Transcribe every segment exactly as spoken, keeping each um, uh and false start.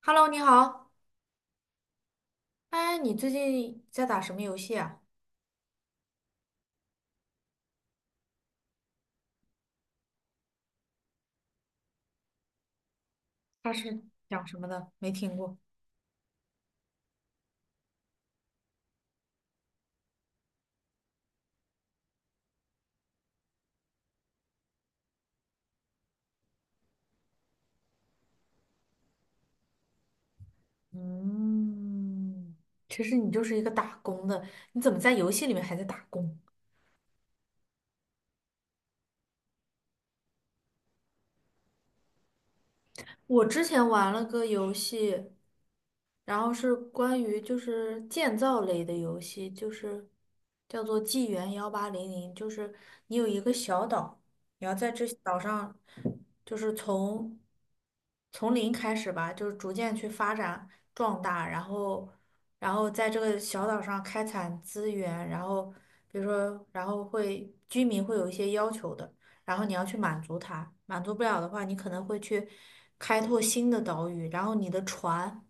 Hello，你好。哎，你最近在打什么游戏啊？它是讲什么的？没听过。嗯，其实你就是一个打工的，你怎么在游戏里面还在打工？我之前玩了个游戏，然后是关于就是建造类的游戏，就是叫做《纪元幺八零零》，就是你有一个小岛，你要在这岛上，就是从从零开始吧，就是逐渐去发展壮大，然后然后在这个小岛上开采资源，然后比如说，然后会居民会有一些要求的。然后你要去满足它，满足不了的话，你可能会去开拓新的岛屿，然后你的船，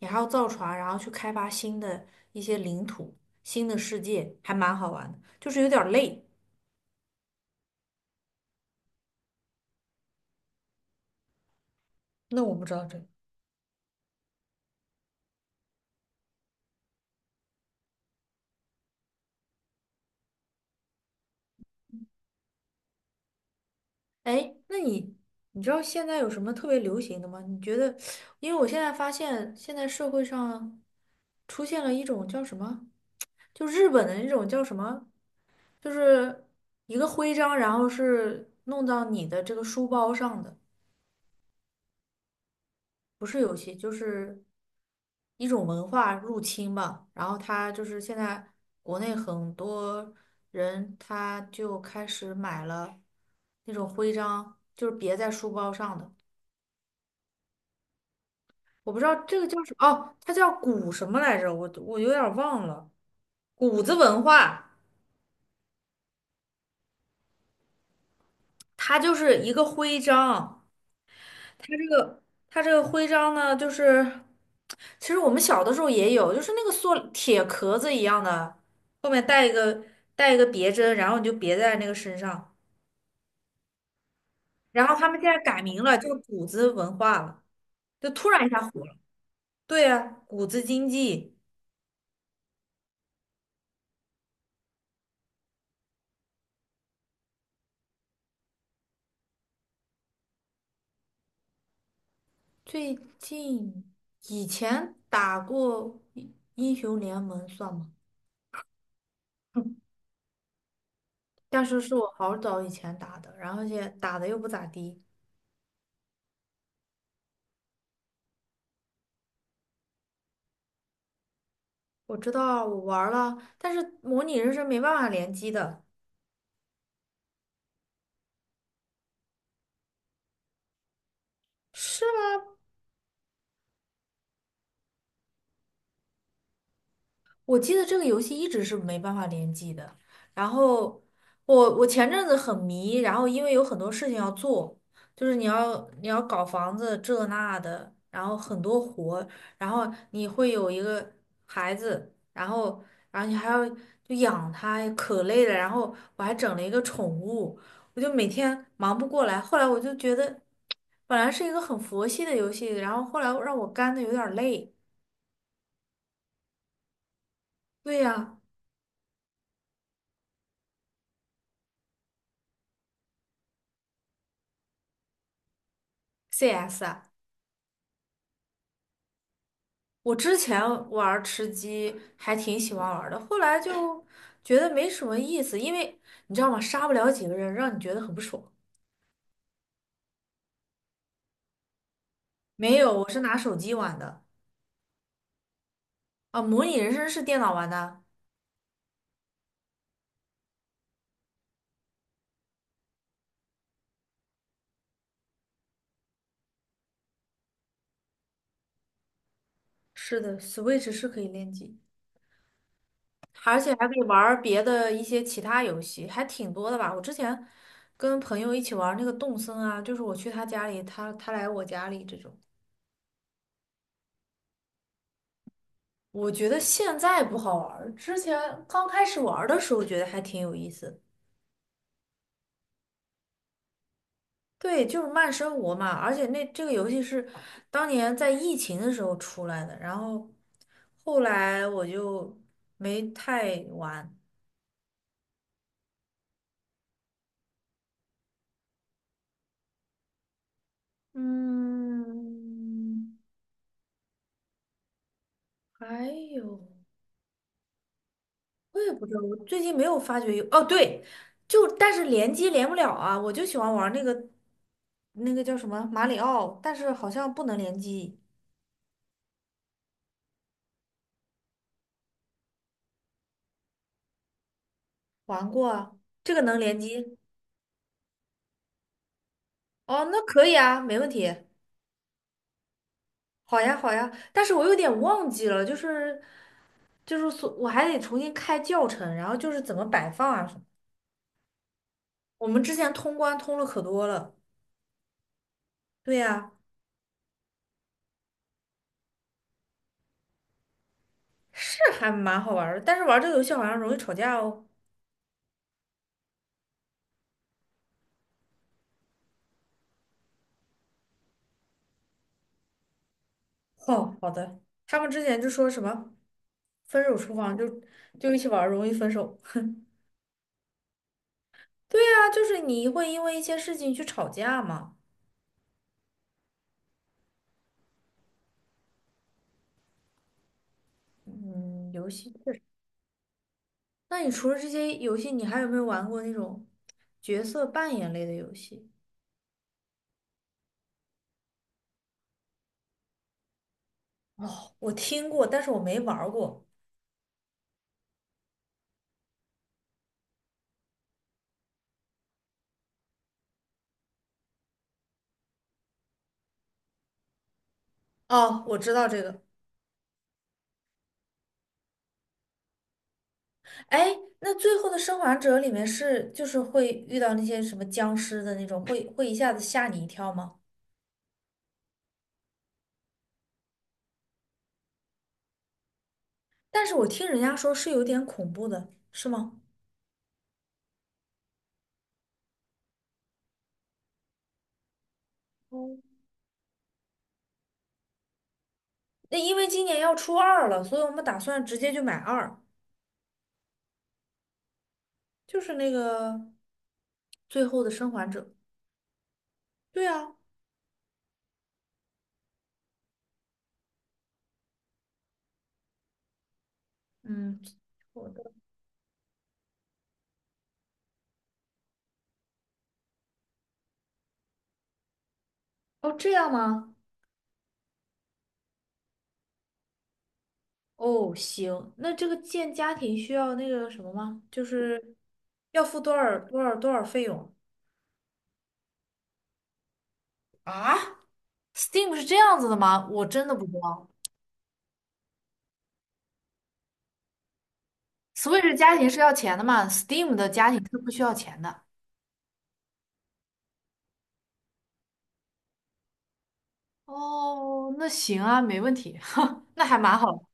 你还要造船，然后去开发新的一些领土、新的世界，还蛮好玩的，就是有点儿累。那我不知道这个。哎，那你你知道现在有什么特别流行的吗？你觉得，因为我现在发现现在社会上出现了一种叫什么，就日本的那种叫什么，就是一个徽章，然后是弄到你的这个书包上的。不是游戏，就是一种文化入侵吧。然后他就是现在国内很多人他就开始买了那种徽章，就是别在书包上的。我不知道这个叫什么，哦，它叫古什么来着？我我有点儿忘了，谷子文化，它就是一个徽章。它这个它这个徽章呢，就是其实我们小的时候也有，就是那个塑铁壳子一样的，后面带一个带一个别针，然后你就别在那个身上。然后他们现在改名了，叫谷子文化了，就突然一下火了。对呀，啊谷子经济。最近以前打过英英雄联盟算吗？但是是我好早以前打的，然后现在打的又不咋地。我知道我玩儿了，但是模拟人生没办法联机的。是吗？我记得这个游戏一直是没办法联机的。然后我我前阵子很迷，然后因为有很多事情要做，就是你要你要搞房子这那的，然后很多活，然后你会有一个孩子，然后然后你还要就养他，可累了。然后我还整了一个宠物，我就每天忙不过来。后来我就觉得，本来是一个很佛系的游戏，然后后来让我干的有点儿累。对呀，C S 啊。我之前玩儿吃鸡还挺喜欢玩儿的，后来就觉得没什么意思，因为你知道吗？杀不了几个人，让你觉得很不爽。没有，我是拿手机玩的。啊，模拟人生是电脑玩的。是的，Switch 是可以联机，而且还可以玩儿别的一些其他游戏，还挺多的吧。我之前跟朋友一起玩儿那个动森啊，就是我去他家里，他他来我家里这种。我觉得现在不好玩儿，之前刚开始玩儿的时候觉得还挺有意思的。对，就是慢生活嘛，而且那这个游戏是当年在疫情的时候出来的，然后后来我就没太玩。嗯，还有我也不知道，我最近没有发觉有。哦，对，就但是联机连不了啊，我就喜欢玩那个那个叫什么马里奥，但是好像不能联机。玩过啊，这个能联机。哦，那可以啊，没问题。好呀，好呀，但是我有点忘记了，就是就是所我还得重新开教程，然后就是怎么摆放啊什么。我们之前通关通了可多了。对呀，是还蛮好玩儿的，但是玩这个游戏好像容易吵架哦。哦，好的，他们之前就说什么分手厨房就就一起玩儿容易分手。对呀，就是你会因为一些事情去吵架嘛。嗯，游戏。那你除了这些游戏，你还有没有玩过那种角色扮演类的游戏？哦，我听过，但是我没玩儿过。哦，我知道这个。哎，那最后的生还者里面是就是会遇到那些什么僵尸的那种，会会一下子吓你一跳吗？但是我听人家说是有点恐怖的，是吗？哦，那因为今年要出二了，所以我们打算直接就买二，就是那个最后的生还者。对啊。嗯。我的哦，这样吗？哦，行，那这个建家庭需要那个什么吗？就是要付多少多少多少费用？啊？Steam 是这样子的吗？我真的不知道。Switch 家庭是要钱的嘛？Steam 的家庭是不需要钱的。哦，那行啊，没问题，那还蛮好。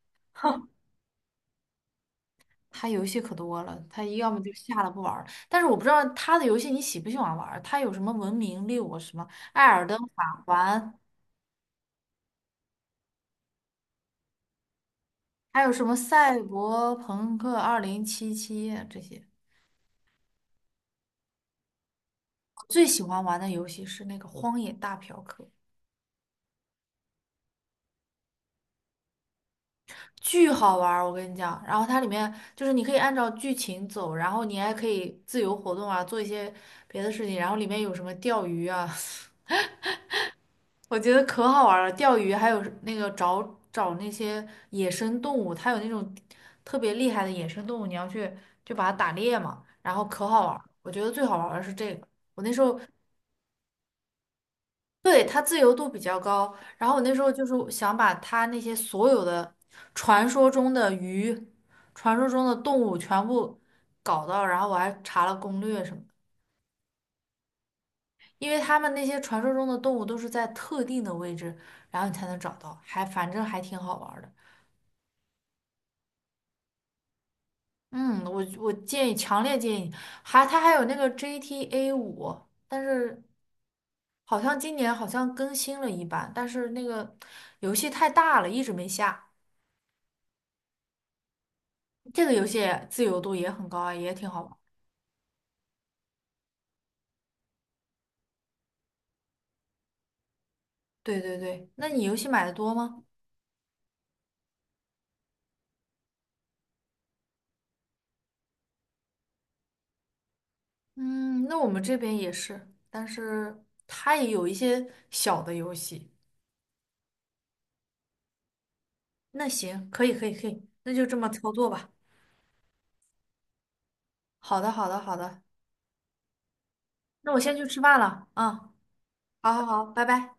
他游戏可多了，他要么就下了不玩儿。但是我不知道他的游戏你喜不喜欢玩儿。它有什么《文明六》什么《艾尔登法环》，还有什么《赛博朋克二零七七》这些。最喜欢玩的游戏是那个《荒野大嫖客》。巨好玩儿，我跟你讲。然后它里面就是你可以按照剧情走，然后你还可以自由活动啊，做一些别的事情。然后里面有什么钓鱼啊，我觉得可好玩儿了。钓鱼还有那个找找那些野生动物，它有那种特别厉害的野生动物，你要去就把它打猎嘛，然后可好玩儿。我觉得最好玩儿的是这个。我那时候。对，它自由度比较高。然后我那时候就是想把它那些所有的传说中的鱼、传说中的动物全部搞到，然后我还查了攻略什么的，因为他们那些传说中的动物都是在特定的位置，然后你才能找到，还反正还挺好玩儿的。嗯，我我建议，强烈建议，还它还有那个 G T A 五，但是好像今年好像更新了一版，但是那个游戏太大了，一直没下。这个游戏自由度也很高啊，也挺好玩。对对对，那你游戏买的多吗？嗯，那我们这边也是，但是它也有一些小的游戏。那行，可以可以可以，那就这么操作吧。好的好的好的，那我先去吃饭了。嗯，好好好，拜拜。